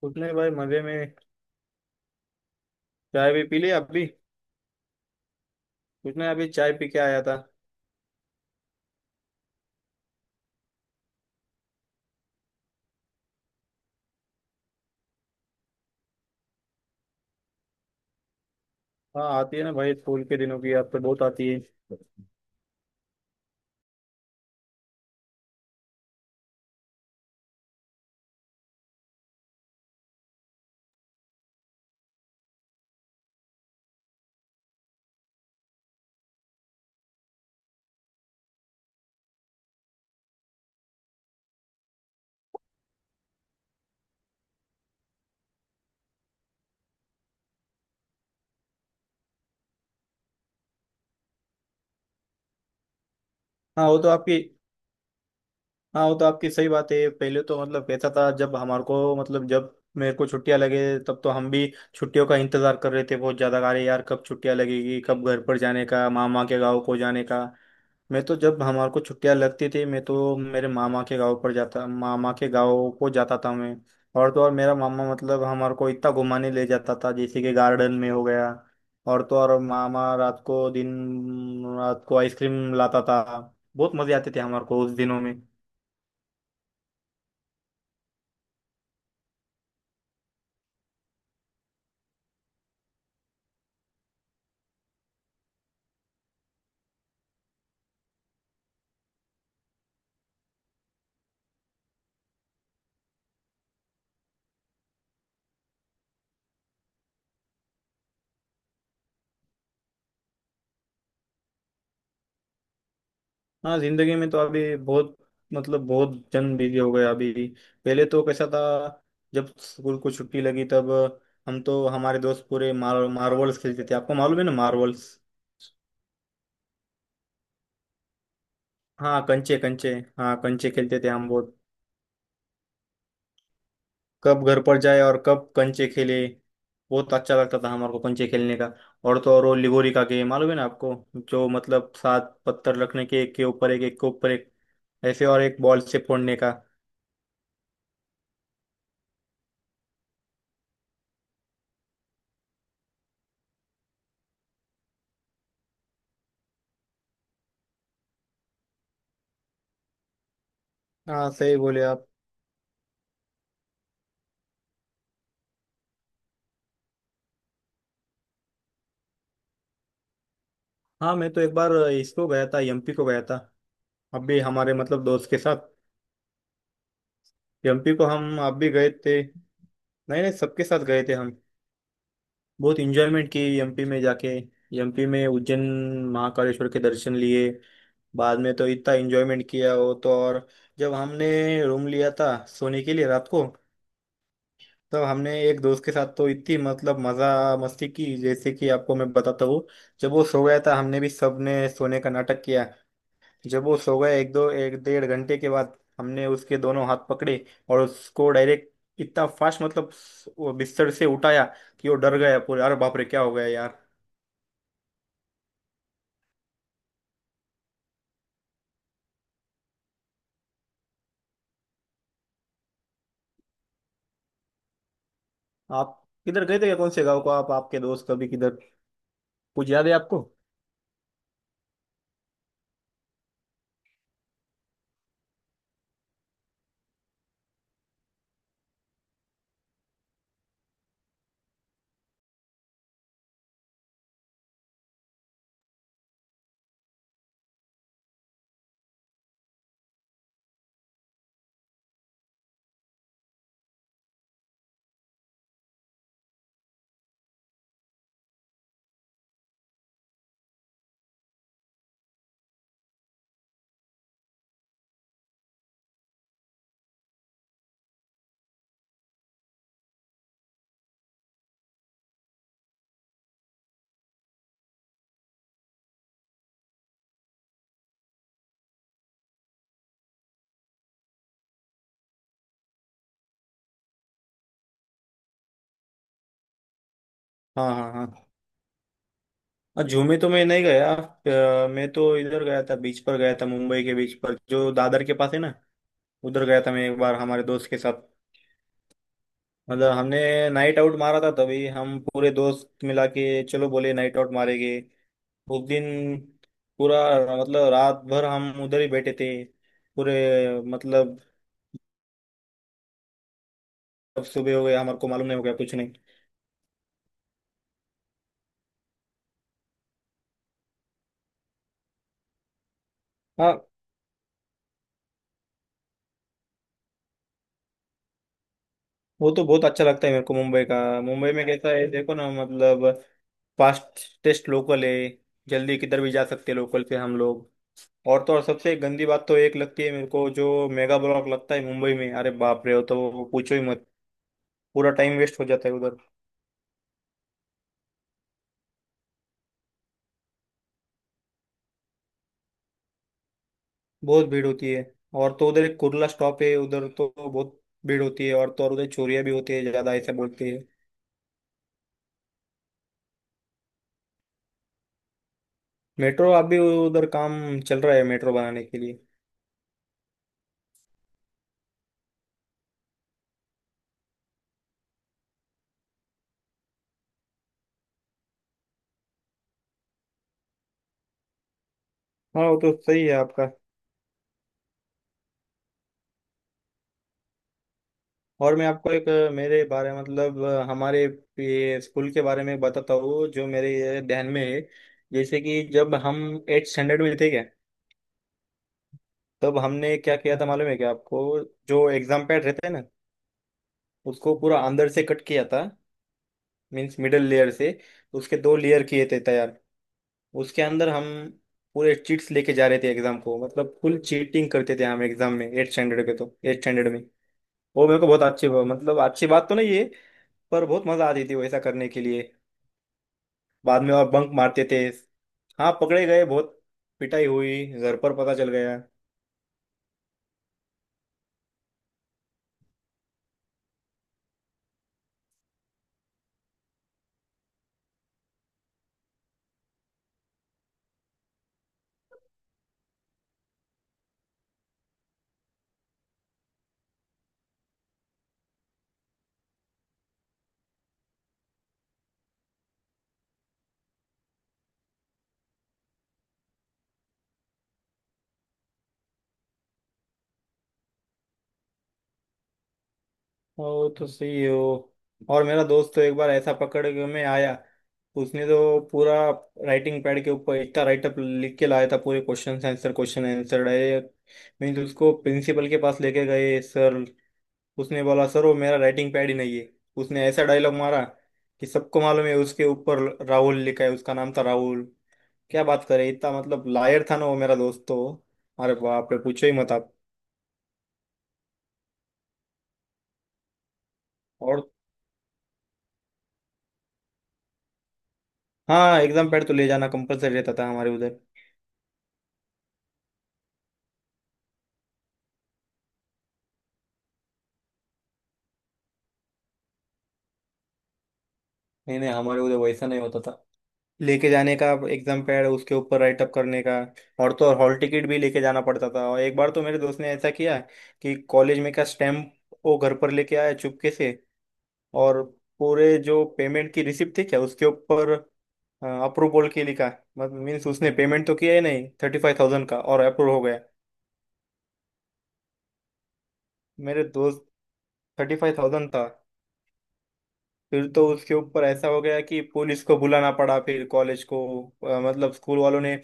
कुछ नहीं भाई, मजे में। चाय भी पी ली अभी। कुछ नहीं, अभी चाय पी के आया था। हाँ, आती है ना भाई, स्कूल के दिनों की याद तो बहुत आती है। हाँ वो तो आपकी हाँ, वो तो आपकी सही बात है। पहले तो मतलब कैसा था, जब मेरे को छुट्टियां लगे तब तो हम भी छुट्टियों का इंतजार कर रहे थे बहुत ज्यादा। अरे यार, कब छुट्टियां लगेगी, कब घर पर जाने का, मामा के गाँव को जाने का। मैं तो जब हमारे को छुट्टियां लगती थी, मैं तो मेरे मामा के गाँव पर जाता, मामा के गाँव को जाता था मैं। और तो और मेरा मामा मतलब हमारे को इतना घुमाने ले जाता था, जैसे कि गार्डन में हो गया। और तो और मामा रात को, दिन रात को आइसक्रीम लाता था। बहुत मजे आते थे हमारे को उस दिनों में। हाँ, जिंदगी में तो अभी बहुत, मतलब बहुत जन बिजी हो गए अभी। पहले तो कैसा था। जब स्कूल को छुट्टी लगी तब हम तो हमारे दोस्त पूरे मार्वल्स खेलते थे। आपको मालूम है ना, मार्वल्स। हाँ, कंचे कंचे। हाँ, कंचे खेलते थे हम बहुत। कब घर पर जाए और कब कंचे खेले। बहुत अच्छा लगता था हमारे को कंचे खेलने का। और तो और वो लिगोरी का गेम मालूम है ना आपको, जो मतलब 7 पत्थर रखने के, एक के ऊपर एक, एक के ऊपर एक, ऐसे, और एक बॉल से फोड़ने का। हाँ, सही बोले आप। हाँ, मैं तो एक बार इसको गया था, एमपी को गया था। अब भी हमारे मतलब दोस्त के साथ। एमपी को हम आप भी गए थे। नहीं नहीं, सबके साथ गए थे हम। बहुत इंजॉयमेंट की एमपी में जाके। एमपी में उज्जैन, महाकालेश्वर के दर्शन लिए। बाद में तो इतना इंजॉयमेंट किया, वो तो और। जब हमने रूम लिया था सोने के लिए रात को, तब हमने एक दोस्त के साथ तो इतनी मतलब मजा मस्ती की, जैसे कि आपको मैं बताता हूँ। जब वो सो गया था, हमने भी, सबने सोने का नाटक किया। जब वो सो गए, एक दो, एक डेढ़ घंटे के बाद हमने उसके दोनों हाथ पकड़े और उसको डायरेक्ट इतना फास्ट, मतलब वो बिस्तर से उठाया, कि वो डर गया पूरे। अरे बाप रे, क्या हो गया यार। आप किधर गए थे, क्या कौन से गांव को, आप आपके दोस्त कभी किधर, कुछ याद है आपको। हाँ हाँ हाँ। जू में तो मैं नहीं गया। मैं तो इधर गया था, बीच पर गया था, मुंबई के बीच पर जो दादर के पास है ना। उधर गया था मैं एक बार हमारे दोस्त के साथ। मतलब हमने नाइट आउट मारा था, तभी हम पूरे दोस्त मिला के चलो बोले नाइट आउट मारेंगे। उस दिन पूरा, मतलब रात भर हम उधर ही बैठे थे पूरे, मतलब अब सुबह हो गया हमारे को मालूम नहीं, हो गया कुछ नहीं। हाँ, वो तो बहुत अच्छा लगता है मेरे को मुंबई का। मुंबई में कैसा है देखो ना, मतलब फास्टेस्ट लोकल है। जल्दी किधर भी जा सकते हैं लोकल से हम लोग। और तो और, सबसे गंदी बात तो एक लगती है मेरे को, जो मेगा ब्लॉक लगता है मुंबई में। अरे बाप रे, वो तो पूछो ही मत। पूरा टाइम वेस्ट हो जाता है उधर। बहुत भीड़ होती है। और तो उधर एक कुर्ला स्टॉप है, उधर तो बहुत भीड़ होती है। और तो और उधर चोरियां भी होती है ज्यादा, ऐसा बोलते हैं। मेट्रो आप भी उधर काम चल रहा है, मेट्रो बनाने के लिए। हाँ, वो तो सही है आपका। और मैं आपको एक मेरे बारे, मतलब हमारे ये स्कूल के बारे में बताता हूँ, जो मेरे ये ध्यान में है। जैसे कि जब हम 8 स्टैंडर्ड में थे क्या, तब हमने क्या किया था मालूम है क्या आपको। जो एग्जाम पैड रहता है ना, उसको पूरा अंदर से कट किया था। मीन्स मिडल लेयर से उसके दो लेयर किए थे तैयार। उसके अंदर हम पूरे चीट्स लेके जा रहे थे एग्जाम को। मतलब फुल चीटिंग करते थे हम एग्जाम में 8 स्टैंडर्ड पे। तो 8 स्टैंडर्ड में वो मेरे को बहुत अच्छी, मतलब अच्छी बात तो नहीं है, पर बहुत मजा आती थी वैसा करने के लिए। बाद में और बंक मारते थे। हाँ, पकड़े गए बहुत, पिटाई हुई, घर पर पता चल गया। वो तो सही है वो। और मेरा दोस्त तो एक बार ऐसा पकड़ के में आया। उसने तो पूरा राइटिंग पैड के ऊपर इतना राइटअप लिख के लाया था, पूरे question answer, question answer direct. Means उसको प्रिंसिपल के पास लेके गए सर। उसने बोला, सर वो मेरा राइटिंग पैड ही नहीं है। उसने ऐसा डायलॉग मारा, कि सबको मालूम है उसके ऊपर राहुल लिखा है, उसका नाम था राहुल। क्या बात करे, इतना मतलब लायर था ना वो मेरा दोस्त तो। अरे बाप रे, पूछो ही मत आप। और हाँ, एग्जाम पैड तो ले जाना कंपलसरी रहता था हमारे उधर। नहीं नहीं, हमारे उधर वैसा नहीं होता था, लेके जाने का, एग्जाम पैड उसके ऊपर राइटअप करने का। और तो और हॉल टिकट भी लेके जाना पड़ता था। और एक बार तो मेरे दोस्त ने ऐसा किया कि कॉलेज में का स्टैम्प वो घर पर लेके आया चुपके से, और पूरे जो पेमेंट की रिसिप्ट थी क्या उसके ऊपर अप्रूवल के लिखा। मतलब मीन्स उसने पेमेंट तो किया ही नहीं 35,000 का, और अप्रूव हो गया। मेरे दोस्त, 35,000 था। फिर तो उसके ऊपर ऐसा हो गया कि पुलिस को बुलाना पड़ा, फिर कॉलेज को, मतलब स्कूल वालों ने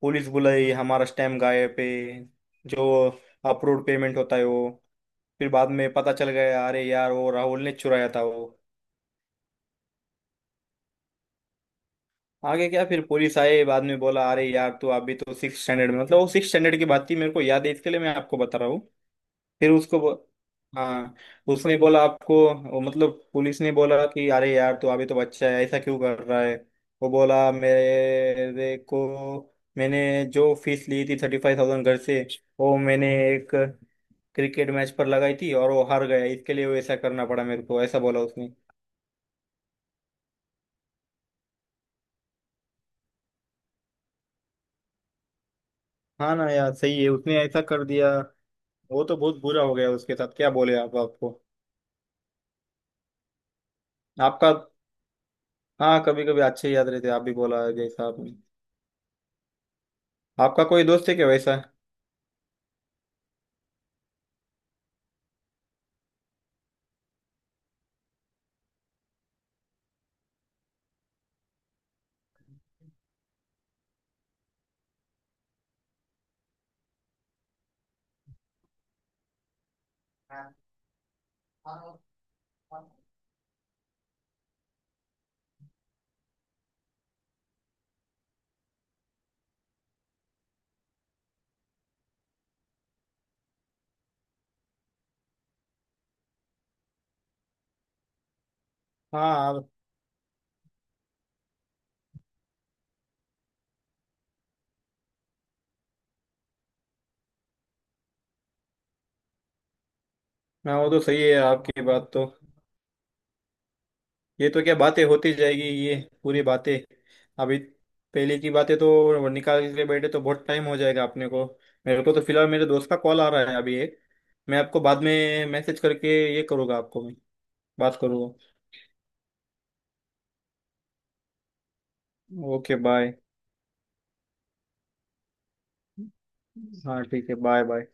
पुलिस बुलाई हमारा स्टैम्प गायब पे, जो अप्रूव्ड पेमेंट होता है वो। फिर बाद में पता चल गया, अरे यार, वो राहुल ने चुराया था वो। आगे क्या, फिर पुलिस आए, बाद में बोला अरे यार तू अभी तो 6 स्टैंडर्ड में, मतलब वो 6 स्टैंडर्ड की बात थी, मेरे को याद है, इसके लिए मैं आपको बता रहा हूँ। फिर उसको हाँ, उसने बोला आपको, वो मतलब पुलिस ने बोला कि अरे यार तू अभी तो बच्चा है, ऐसा क्यों कर रहा है। वो बोला मेरे को, मैंने जो फीस ली थी, 35,000 घर से, वो मैंने एक क्रिकेट मैच पर लगाई थी और वो हार गया, इसके लिए वो ऐसा करना पड़ा मेरे को, ऐसा बोला उसने। हाँ ना यार, सही है, उसने ऐसा कर दिया। वो तो बहुत बुरा हो गया उसके साथ। क्या बोले आप आपको। आपका। हाँ, कभी कभी अच्छे याद रहते, आप भी बोला जैसा आपने। आपका कोई दोस्त है क्या वैसा। हाँ, आप- मैं, वो तो सही है आपकी बात तो। ये तो क्या बातें होती जाएगी ये, पूरी बातें। अभी पहले की बातें तो निकाल के बैठे तो बहुत टाइम हो जाएगा अपने को। मेरे को तो फिलहाल मेरे दोस्त का कॉल आ रहा है अभी एक। मैं आपको बाद में मैसेज करके ये करूँगा, आपको मैं बात करूँगा। Okay bye. हाँ ठीक है, बाय बाय।